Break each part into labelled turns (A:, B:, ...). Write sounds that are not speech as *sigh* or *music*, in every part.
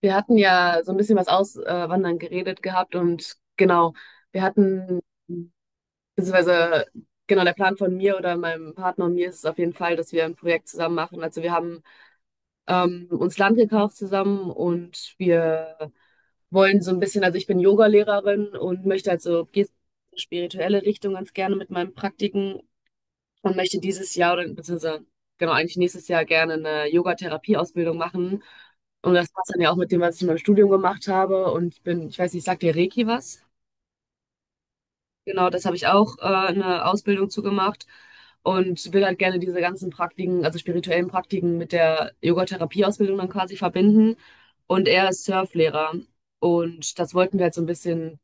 A: Wir hatten ja so ein bisschen was Auswandern geredet gehabt und genau, wir hatten, beziehungsweise genau der Plan von mir oder meinem Partner und mir ist es auf jeden Fall, dass wir ein Projekt zusammen machen. Also wir haben uns Land gekauft zusammen und wir wollen so ein bisschen, also ich bin Yoga-Lehrerin und möchte halt so spirituelle Richtung ganz gerne mit meinen Praktiken und möchte dieses Jahr oder beziehungsweise genau eigentlich nächstes Jahr gerne eine Yoga-Therapie-Ausbildung machen. Und das passt dann ja auch mit dem, was ich in meinem Studium gemacht habe. Und ich bin, ich weiß nicht, sagt dir Reiki was? Genau, das habe ich auch eine Ausbildung zu gemacht und will halt gerne diese ganzen Praktiken, also spirituellen Praktiken mit der Yoga-Therapie-Ausbildung dann quasi verbinden. Und er ist Surflehrer. Und das wollten wir halt so ein bisschen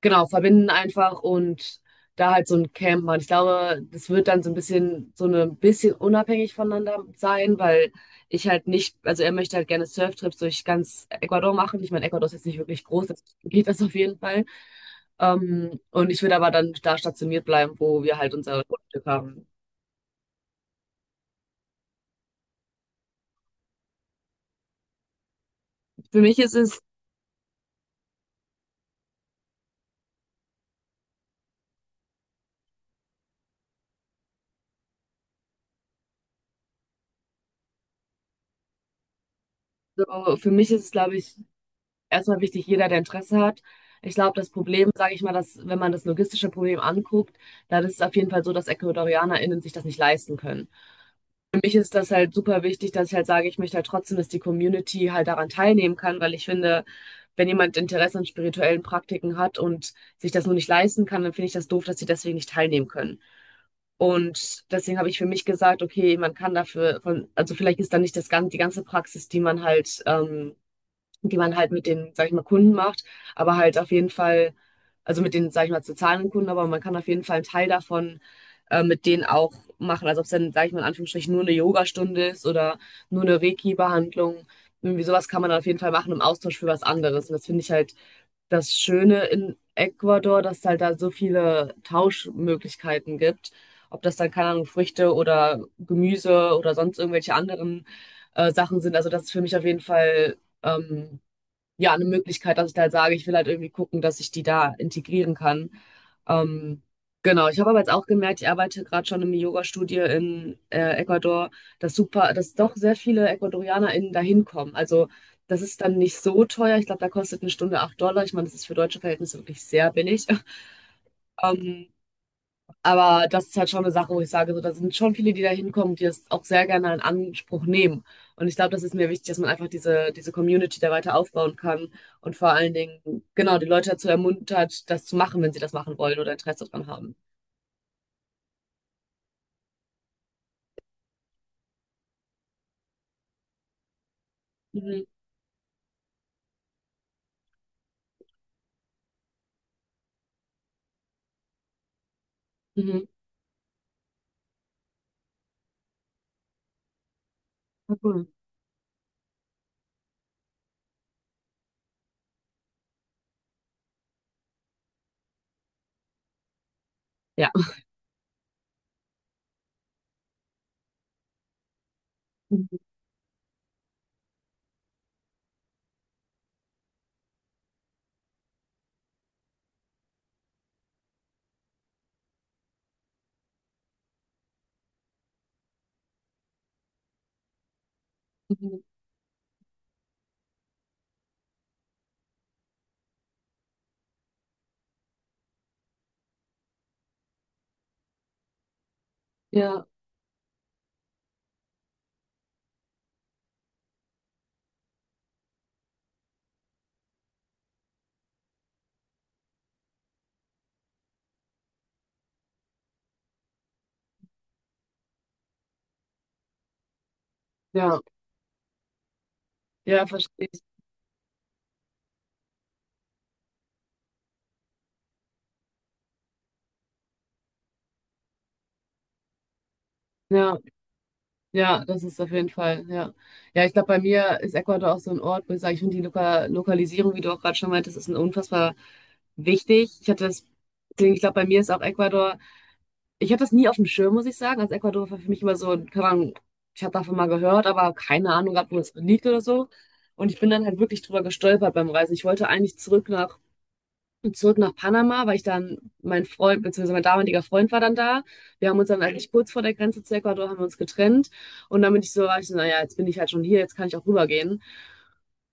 A: genau, verbinden einfach und da halt so ein Camp machen. Ich glaube, das wird dann so ein bisschen so eine bisschen unabhängig voneinander sein, weil ich halt nicht also, er möchte halt gerne Surftrips durch ganz Ecuador machen. Ich meine, Ecuador ist jetzt nicht wirklich groß, deswegen *laughs* geht das auf jeden Fall. Und ich würde aber dann da stationiert bleiben, wo wir halt unser Grundstück haben. Für mich ist es für mich ist es, glaube ich, erstmal wichtig, jeder, der Interesse hat. Ich glaube, das Problem, sage ich mal, dass, wenn man das logistische Problem anguckt, dann ist es auf jeden Fall so, dass EcuadorianerInnen sich das nicht leisten können. Für mich ist das halt super wichtig, dass ich halt sage, ich möchte halt trotzdem, dass die Community halt daran teilnehmen kann, weil ich finde, wenn jemand Interesse an spirituellen Praktiken hat und sich das nur nicht leisten kann, dann finde ich das doof, dass sie deswegen nicht teilnehmen können. Und deswegen habe ich für mich gesagt, okay, man kann dafür, von, also vielleicht ist da nicht das, die ganze Praxis, die man halt die man halt mit den, sag ich mal, Kunden macht, aber halt auf jeden Fall, also mit den, sag ich mal, zu zahlenden Kunden, aber man kann auf jeden Fall einen Teil davon mit denen auch machen. Also ob es dann, sag ich mal, in Anführungsstrichen nur eine Yogastunde ist oder nur eine Reiki-Behandlung. Irgendwie sowas kann man dann auf jeden Fall machen im Austausch für was anderes. Und das finde ich halt das Schöne in Ecuador, dass es halt da so viele Tauschmöglichkeiten gibt. Ob das dann, keine Ahnung, Früchte oder Gemüse oder sonst irgendwelche anderen Sachen sind. Also das ist für mich auf jeden Fall ähm, ja, eine Möglichkeit, dass ich da halt sage, ich will halt irgendwie gucken, dass ich die da integrieren kann. Ähm, genau, ich habe aber jetzt auch gemerkt, ich arbeite gerade schon in im Yoga-Studio in Ecuador, dass super, dass doch sehr viele EcuadorianerInnen da hinkommen. Also das ist dann nicht so teuer. Ich glaube, da kostet eine Stunde 8 Dollar. Ich meine, das ist für deutsche Verhältnisse wirklich sehr billig. *laughs* Ähm, aber das ist halt schon eine Sache, wo ich sage, so, da sind schon viele, die da hinkommen, die das auch sehr gerne in Anspruch nehmen. Und ich glaube, das ist mir wichtig, dass man einfach diese Community da weiter aufbauen kann und vor allen Dingen, genau, die Leute dazu ermuntert, das zu machen, wenn sie das machen wollen oder Interesse daran haben. Mhm. Mhm. Ja, cool. Ja. Mhm. Mhm. Ja, ja, ja, verstehe ich. Ja. Ja, das ist auf jeden Fall, ja. Ja, ich glaube, bei mir ist Ecuador auch so ein Ort, wo ich sage, ich finde die Lokalisierung, wie du auch gerade schon meintest, ist ein unfassbar wichtig. Ich hatte das, Ding, ich glaube, bei mir ist auch Ecuador, ich hatte das nie auf dem Schirm, muss ich sagen. Also Ecuador war für mich immer so, keine Ahnung, ich habe davon mal gehört, aber keine Ahnung gehabt, wo es liegt oder so. Und ich bin dann halt wirklich drüber gestolpert beim Reisen. Ich wollte eigentlich zurück nach Panama, weil ich dann mein Freund, beziehungsweise mein damaliger Freund war dann da. Wir haben uns dann eigentlich kurz vor der Grenze zu Ecuador haben wir uns getrennt. Und dann war ich so, naja, jetzt bin ich halt schon hier, jetzt kann ich auch rübergehen.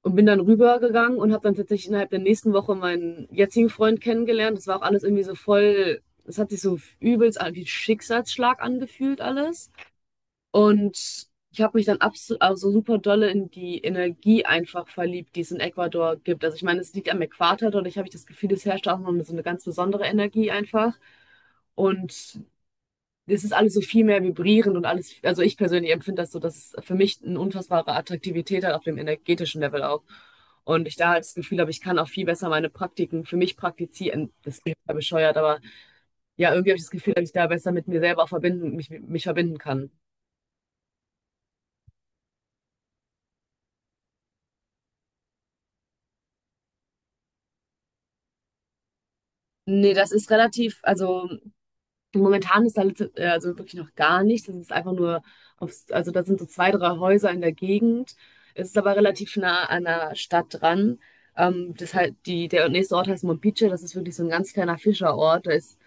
A: Und bin dann rübergegangen und habe dann tatsächlich innerhalb der nächsten Woche meinen jetzigen Freund kennengelernt. Das war auch alles irgendwie so voll, das hat sich so übelst wie Schicksalsschlag angefühlt alles. Und ich habe mich dann abs also super dolle in die Energie einfach verliebt, die es in Ecuador gibt. Also ich meine, es liegt am Äquator, dadurch habe ich das Gefühl, es herrscht auch noch so eine ganz besondere Energie einfach. Und es ist alles so viel mehr vibrierend und alles, also ich persönlich empfinde das so, dass es für mich eine unfassbare Attraktivität hat auf dem energetischen Level auch. Und ich da halt das Gefühl habe, ich kann auch viel besser meine Praktiken für mich praktizieren. Das klingt ja bescheuert, aber ja, irgendwie habe ich das Gefühl, dass ich da besser mit mir selber auch verbinden, mich verbinden kann. Nee, das ist relativ, also momentan ist da also wirklich noch gar nichts. Das ist einfach nur aufs, also da sind so zwei, drei Häuser in der Gegend. Es ist aber relativ nah an der Stadt dran. Das halt, der nächste Ort heißt Mompiche, das ist wirklich so ein ganz kleiner Fischerort. Da ist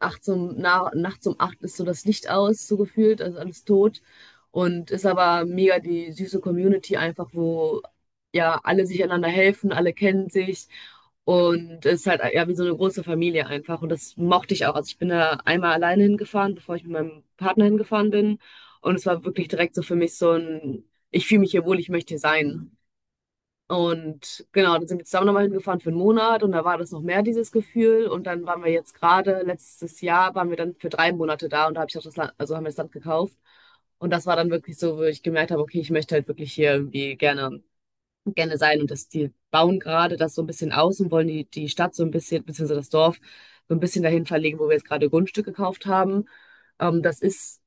A: nachts um acht ist so das Licht aus, so gefühlt, also alles tot. Und ist aber mega die süße Community einfach, wo ja alle sich einander helfen, alle kennen sich. Und es ist halt ja wie so eine große Familie einfach. Und das mochte ich auch. Also ich bin da einmal alleine hingefahren, bevor ich mit meinem Partner hingefahren bin. Und es war wirklich direkt so für mich so ein, ich fühle mich hier wohl, ich möchte hier sein. Und genau, dann sind wir zusammen nochmal hingefahren für einen Monat und da war das noch mehr, dieses Gefühl. Und dann waren wir jetzt gerade, letztes Jahr waren wir dann für 3 Monate da und da habe ich auch das Land, also haben wir das Land gekauft. Und das war dann wirklich so, wo ich gemerkt habe, okay, ich möchte halt wirklich hier irgendwie gerne, gerne sein. Und das, die bauen gerade das so ein bisschen aus und wollen die Stadt so ein bisschen, beziehungsweise das Dorf, so ein bisschen dahin verlegen, wo wir jetzt gerade Grundstück gekauft haben. Das ist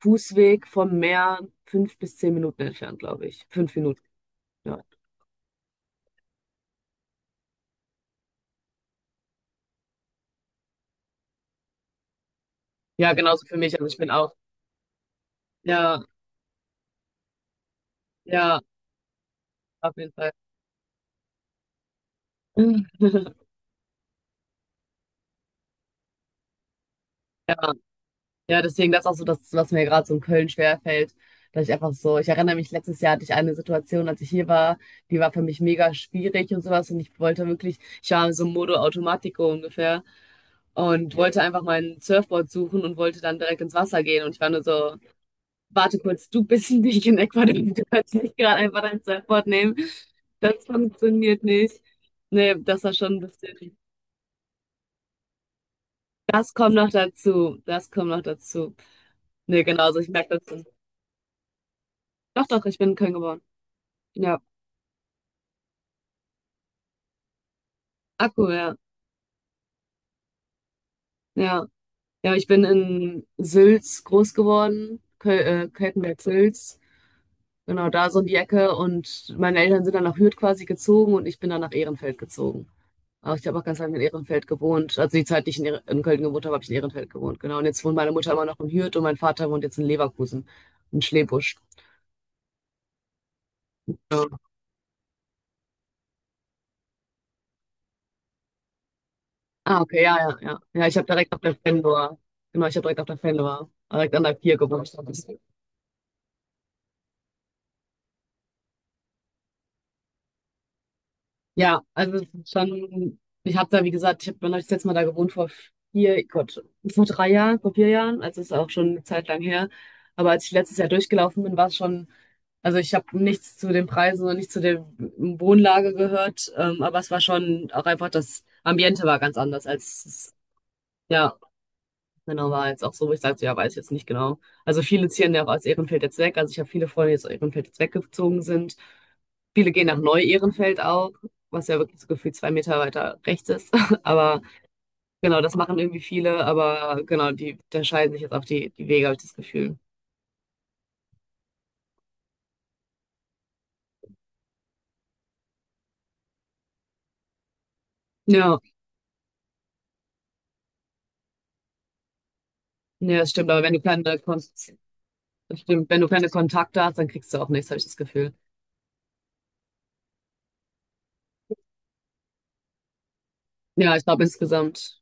A: Fußweg vom Meer 5 bis 10 Minuten entfernt, glaube ich. 5 Minuten, ja. Ja, genauso für mich. Also ich bin auch. Ja, ja, auf jeden Fall. *laughs* Ja, ja, deswegen das ist auch so das, was mir gerade so in Köln schwerfällt, dass ich einfach so, ich erinnere mich, letztes Jahr hatte ich eine Situation, als ich hier war, die war für mich mega schwierig und sowas und ich wollte wirklich, ich war so Modo Automatico ungefähr und wollte einfach mein Surfboard suchen und wollte dann direkt ins Wasser gehen und ich war nur so, warte kurz, du bist *laughs* nicht in Ecuador, du kannst nicht gerade einfach dein Surfboard nehmen, das funktioniert nicht. Nee, das war schon ein bisschen. Das kommt noch dazu. Das kommt noch dazu. Nee, genau, also ich merke das schon. Doch, doch, ich bin in Köln geboren. Ja. Ah, cool, ja. Ja. Ja, ich bin in Sülz groß geworden. Köl Keltenberg-Sülz. Genau, da so in die Ecke. Und meine Eltern sind dann nach Hürth quasi gezogen und ich bin dann nach Ehrenfeld gezogen. Aber ich habe auch ganz lange in Ehrenfeld gewohnt. Also die Zeit, die ich in Köln gewohnt habe, habe ich in Ehrenfeld gewohnt. Genau. Und jetzt wohnt meine Mutter immer noch in Hürth und mein Vater wohnt jetzt in Leverkusen, in Schlebusch. Ja. Ah, okay, ja, ja, ja. Ja, ich habe direkt auf der Fendor. Genau, ich habe direkt auf der Fendor. Direkt an der 4 gewohnt. Ja, also es ist schon, ich habe da, wie gesagt, ich habe hab das letzte Mal da gewohnt vor vier, Gott, vor 3 Jahren, vor 4 Jahren. Also es ist auch schon eine Zeit lang her. Aber als ich letztes Jahr durchgelaufen bin, war es schon, also ich habe nichts zu den Preisen und nichts zu der Wohnlage gehört. Aber es war schon auch einfach, das Ambiente war ganz anders als, es- ja, genau, war jetzt auch so, wo ich sagte, ja, weiß ich jetzt nicht genau. Also viele ziehen ja auch aus Ehrenfeld jetzt weg. Also ich habe viele Freunde, die aus Ehrenfeld jetzt weggezogen sind. Viele gehen nach Neu-Ehrenfeld auch, was ja wirklich so gefühlt 2 Meter weiter rechts ist. *laughs* Aber genau, das machen irgendwie viele. Aber genau, die da scheiden sich jetzt auch die Wege, habe ich das Gefühl. Ja, ja, das stimmt. Aber wenn du keine, Kon Das stimmt, wenn du keine Kontakte hast, dann kriegst du auch nichts, habe ich das Gefühl. Ja, ich glaube insgesamt.